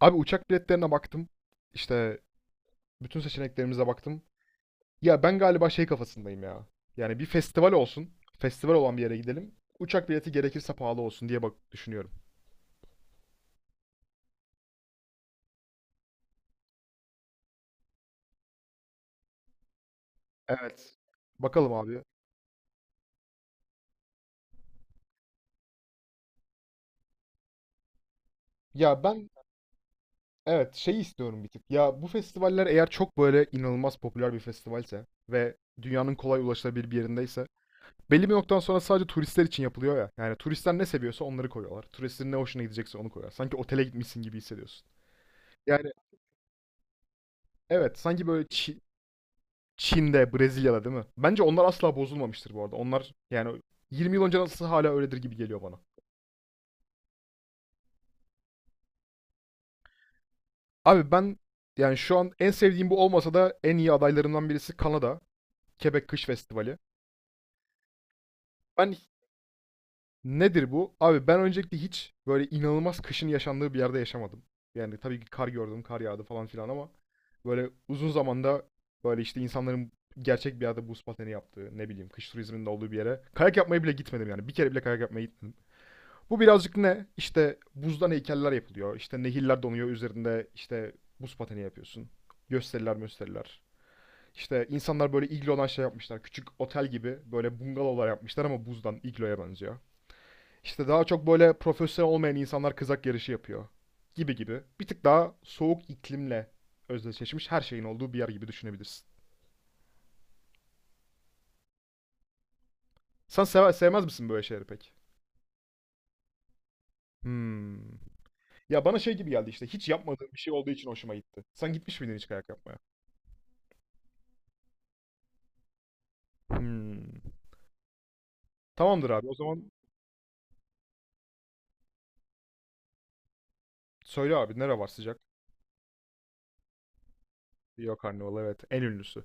Abi uçak biletlerine baktım. İşte bütün seçeneklerimize baktım. Ya ben galiba şey kafasındayım ya. Yani bir festival olsun. Festival olan bir yere gidelim. Uçak bileti gerekirse pahalı olsun diye bak düşünüyorum. Evet. Bakalım abi. Ya ben evet şey istiyorum bir tık. Ya bu festivaller eğer çok böyle inanılmaz popüler bir festivalse ve dünyanın kolay ulaşılabilir bir yerindeyse belli bir noktadan sonra sadece turistler için yapılıyor ya. Yani turistler ne seviyorsa onları koyuyorlar. Turistlerin ne hoşuna gidecekse onu koyuyorlar. Sanki otele gitmişsin gibi hissediyorsun. Yani evet sanki böyle Çin'de, Brezilya'da değil mi? Bence onlar asla bozulmamıştır bu arada. Onlar yani 20 yıl önce nasıl hala öyledir gibi geliyor bana. Abi ben yani şu an en sevdiğim bu olmasa da en iyi adaylarından birisi Kanada. Quebec Kış Festivali. Ben nedir bu? Abi ben öncelikle hiç böyle inanılmaz kışın yaşandığı bir yerde yaşamadım. Yani tabii ki kar gördüm, kar yağdı falan filan ama böyle uzun zamanda böyle işte insanların gerçek bir yerde buz pateni yaptığı, ne bileyim kış turizminin de olduğu bir yere kayak yapmaya bile gitmedim yani. Bir kere bile kayak yapmaya gitmedim. Bu birazcık ne? İşte buzdan heykeller yapılıyor. İşte nehirler donuyor. Üzerinde işte buz pateni yapıyorsun. Gösteriler gösteriler. İşte insanlar böyle iglodan şey yapmışlar. Küçük otel gibi böyle bungalovlar yapmışlar ama buzdan igloya benziyor. İşte daha çok böyle profesyonel olmayan insanlar kızak yarışı yapıyor. Gibi gibi. Bir tık daha soğuk iklimle özdeşleşmiş her şeyin olduğu bir yer gibi düşünebilirsin. Sen sevmez misin böyle şeyleri pek? Hmm. Ya bana şey gibi geldi işte hiç yapmadığım bir şey olduğu için hoşuma gitti. Sen gitmiş miydin hiç kayak yapmaya? Hmm. Tamamdır abi. O zaman söyle abi nere var sıcak? Rio Karnavalı evet en ünlüsü.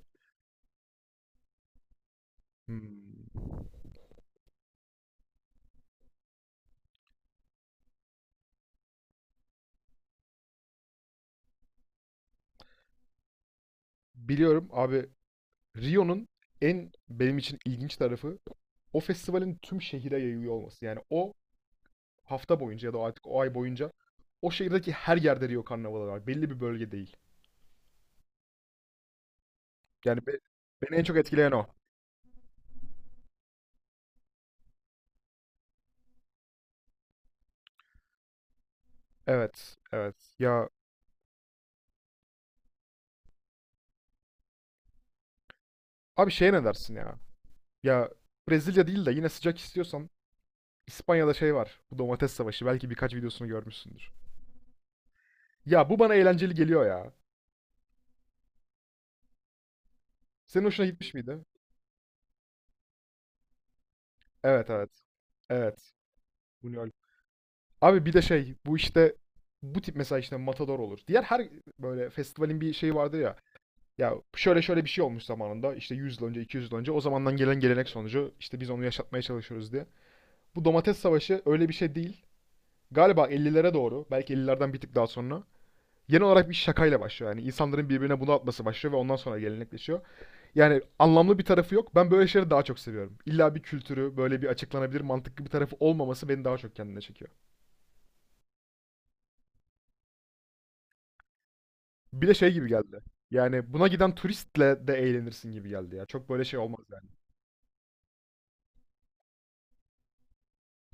Hmm. Biliyorum abi Rio'nun en benim için ilginç tarafı o festivalin tüm şehire yayılıyor olması. Yani o hafta boyunca ya da artık o ay boyunca o şehirdeki her yerde Rio Karnavalı var. Belli bir bölge değil. Yani beni en çok etkileyen o. Evet, evet. Ya abi şeye ne dersin ya? Ya Brezilya değil de yine sıcak istiyorsan İspanya'da şey var. Bu domates savaşı. Belki birkaç videosunu görmüşsündür. Ya bu bana eğlenceli geliyor ya. Senin hoşuna gitmiş miydi? Evet evet. Evet. Buñuel. Abi bir de şey bu işte bu tip mesela işte Matador olur. Diğer her böyle festivalin bir şeyi vardır ya. Ya şöyle şöyle bir şey olmuş zamanında işte 100 yıl önce 200 yıl önce o zamandan gelen gelenek sonucu işte biz onu yaşatmaya çalışıyoruz diye. Bu domates savaşı öyle bir şey değil. Galiba 50'lere doğru belki 50'lerden bir tık daha sonra genel olarak bir şakayla başlıyor. Yani insanların birbirine bunu atması başlıyor ve ondan sonra gelenekleşiyor. Yani anlamlı bir tarafı yok. Ben böyle şeyleri daha çok seviyorum. İlla bir kültürü, böyle bir açıklanabilir mantıklı bir tarafı olmaması beni daha çok kendine çekiyor. Bir de şey gibi geldi. Yani buna giden turistle de eğlenirsin gibi geldi ya. Çok böyle şey olmaz yani.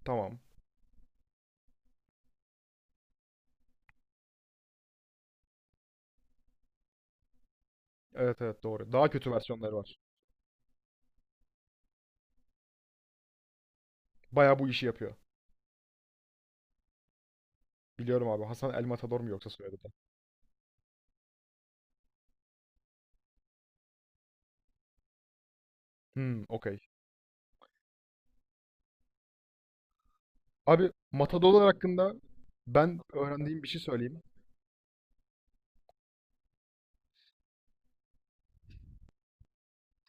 Tamam. Evet evet doğru. Daha kötü versiyonları var. Bayağı bu işi yapıyor. Biliyorum abi. Hasan El Matador mu yoksa soyadı da? Hmm, okey. Abi matadorlar hakkında ben öğrendiğim bir şey söyleyeyim.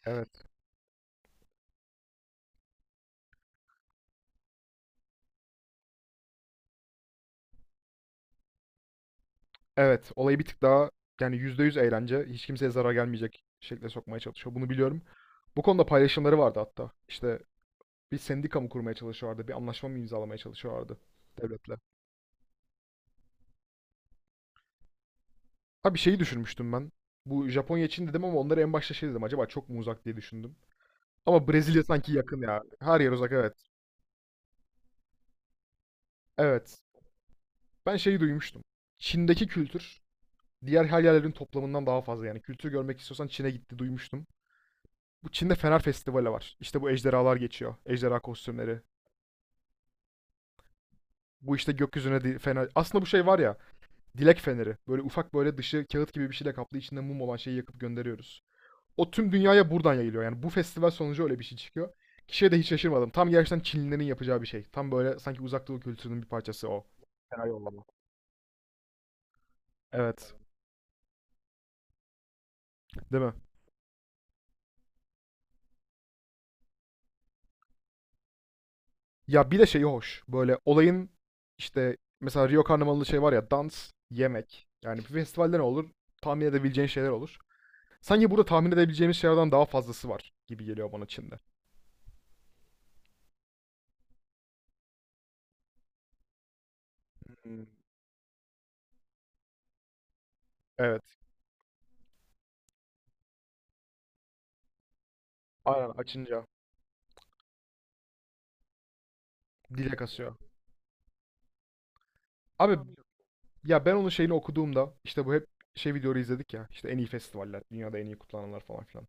Evet. Evet, olayı bir tık daha yani %100 eğlence, hiç kimseye zarar gelmeyecek şekilde sokmaya çalışıyor. Bunu biliyorum. Bu konuda paylaşımları vardı hatta. İşte bir sendika mı kurmaya çalışıyorlardı, bir anlaşma mı imzalamaya çalışıyorlardı devletle. Ha bir şeyi düşünmüştüm ben. Bu Japonya için dedim ama onları en başta şey dedim. Acaba çok mu uzak diye düşündüm. Ama Brezilya sanki yakın ya. Her yer uzak evet. Evet. Ben şeyi duymuştum. Çin'deki kültür diğer her yerlerin toplamından daha fazla yani. Kültür görmek istiyorsan Çin'e gitti duymuştum. Bu Çin'de Fener Festivali var. İşte bu ejderhalar geçiyor. Ejderha kostümleri. Bu işte gökyüzüne fener. Aslında bu şey var ya. Dilek feneri. Böyle ufak böyle dışı kağıt gibi bir şeyle kaplı içinde mum olan şeyi yakıp gönderiyoruz. O tüm dünyaya buradan yayılıyor. Yani bu festival sonucu öyle bir şey çıkıyor. Kişiye de hiç şaşırmadım. Tam gerçekten Çinlilerin yapacağı bir şey. Tam böyle sanki uzak doğu kültürünün bir parçası o. Fener yollama. Evet. Değil mi? Ya bir de şey hoş. Böyle olayın işte mesela Rio Karnavalı'nda şey var ya dans, yemek. Yani bir festivalde ne olur? Tahmin edebileceğin şeyler olur. Sanki burada tahmin edebileceğimiz şeylerden daha fazlası var gibi geliyor bana Çin'de. Hmm. Evet. Aynen açınca dile kasıyor. Abi ya ben onun şeyini okuduğumda işte bu hep şey videoları izledik ya işte en iyi festivaller, dünyada en iyi kutlananlar falan filan.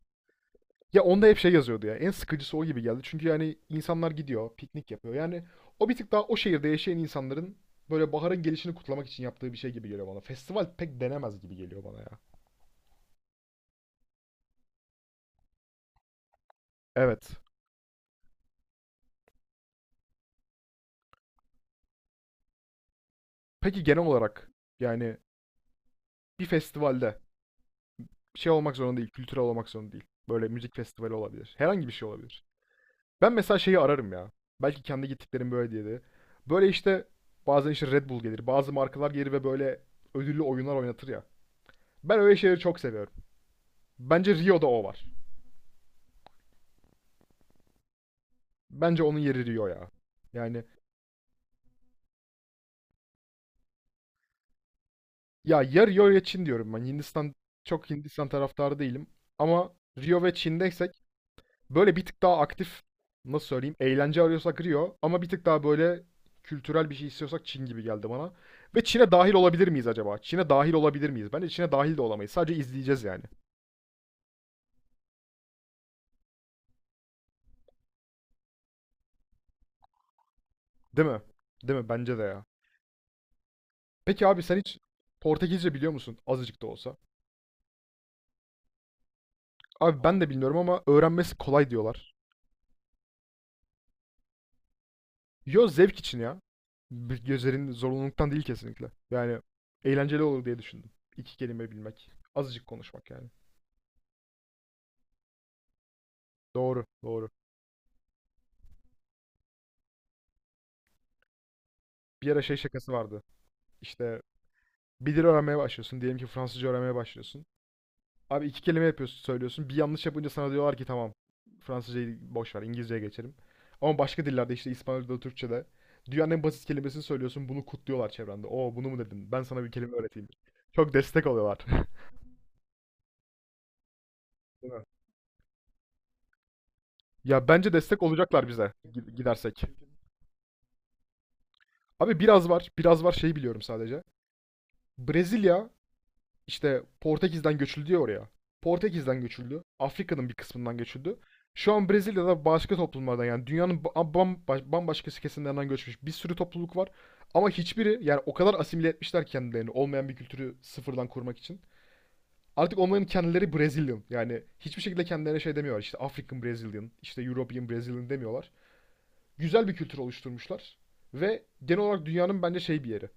Ya onda hep şey yazıyordu ya en sıkıcısı o gibi geldi. Çünkü yani insanlar gidiyor, piknik yapıyor. Yani o bir tık daha o şehirde yaşayan insanların böyle baharın gelişini kutlamak için yaptığı bir şey gibi geliyor bana. Festival pek denemez gibi geliyor bana ya. Evet. Peki genel olarak yani bir festivalde şey olmak zorunda değil, kültürel olmak zorunda değil. Böyle müzik festivali olabilir. Herhangi bir şey olabilir. Ben mesela şeyi ararım ya. Belki kendi gittiklerim böyle diye de. Böyle işte bazen işte Red Bull gelir, bazı markalar gelir ve böyle ödüllü oyunlar oynatır ya. Ben öyle şeyleri çok seviyorum. Bence Rio'da o var. Bence onun yeri Rio ya. Yani ya ya Rio ya Çin diyorum ben. Hindistan çok Hindistan taraftarı değilim. Ama Rio ve Çin'deysek böyle bir tık daha aktif nasıl söyleyeyim eğlence arıyorsak Rio ama bir tık daha böyle kültürel bir şey istiyorsak Çin gibi geldi bana. Ve Çin'e dahil olabilir miyiz acaba? Çin'e dahil olabilir miyiz? Bence Çin'e dahil de olamayız. Sadece izleyeceğiz yani. Değil mi? Değil mi? Bence de ya. Peki abi sen hiç Portekizce biliyor musun? Azıcık da olsa. Abi ben de bilmiyorum ama öğrenmesi kolay diyorlar. Yo zevk için ya. Bir Gözlerin zorunluluktan değil kesinlikle. Yani eğlenceli olur diye düşündüm. İki kelime bilmek. Azıcık konuşmak yani. Doğru, doğru. Bir ara şey şakası vardı. İşte bir dil öğrenmeye başlıyorsun. Diyelim ki Fransızca öğrenmeye başlıyorsun. Abi iki kelime yapıyorsun, söylüyorsun. Bir yanlış yapınca sana diyorlar ki tamam Fransızcayı boş ver İngilizceye geçelim. Ama başka dillerde işte İspanyolca'da, Türkçe'de dünyanın en basit kelimesini söylüyorsun. Bunu kutluyorlar çevrende. Oo bunu mu dedin? Ben sana bir kelime öğreteyim. Çok destek oluyorlar. Değil mi? Ya bence destek olacaklar bize gidersek. Abi biraz var, biraz var şeyi biliyorum sadece. Brezilya. İşte Portekiz'den göçüldü ya oraya. Portekiz'den göçüldü. Afrika'nın bir kısmından göçüldü. Şu an Brezilya'da başka toplumlardan yani dünyanın bambaşka kesimlerinden göçmüş bir sürü topluluk var. Ama hiçbiri yani o kadar asimile etmişler kendilerini olmayan bir kültürü sıfırdan kurmak için. Artık onların kendileri Brazilian. Yani hiçbir şekilde kendilerine şey demiyorlar. İşte African Brazilian, işte European Brazilian demiyorlar. Güzel bir kültür oluşturmuşlar. Ve genel olarak dünyanın bence şey bir yeri.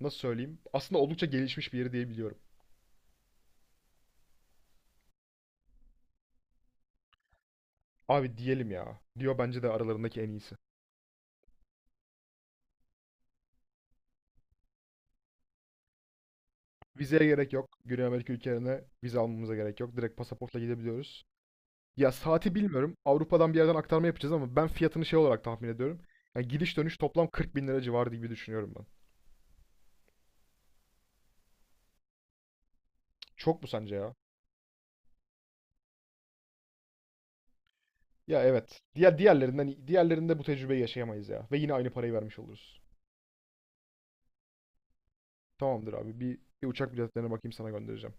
Nasıl söyleyeyim? Aslında oldukça gelişmiş bir yeri diyebiliyorum. Abi diyelim ya. Diyor bence de aralarındaki en iyisi. Vizeye gerek yok. Güney Amerika ülkelerine vize almamıza gerek yok. Direkt pasaportla gidebiliyoruz. Ya saati bilmiyorum. Avrupa'dan bir yerden aktarma yapacağız ama ben fiyatını şey olarak tahmin ediyorum. Yani gidiş dönüş toplam 40 bin lira civarı gibi düşünüyorum ben. Çok mu sence ya? Ya evet. Diğerlerinde bu tecrübeyi yaşayamayız ya. Ve yine aynı parayı vermiş oluruz. Tamamdır abi. Bir uçak biletlerine bakayım sana göndereceğim.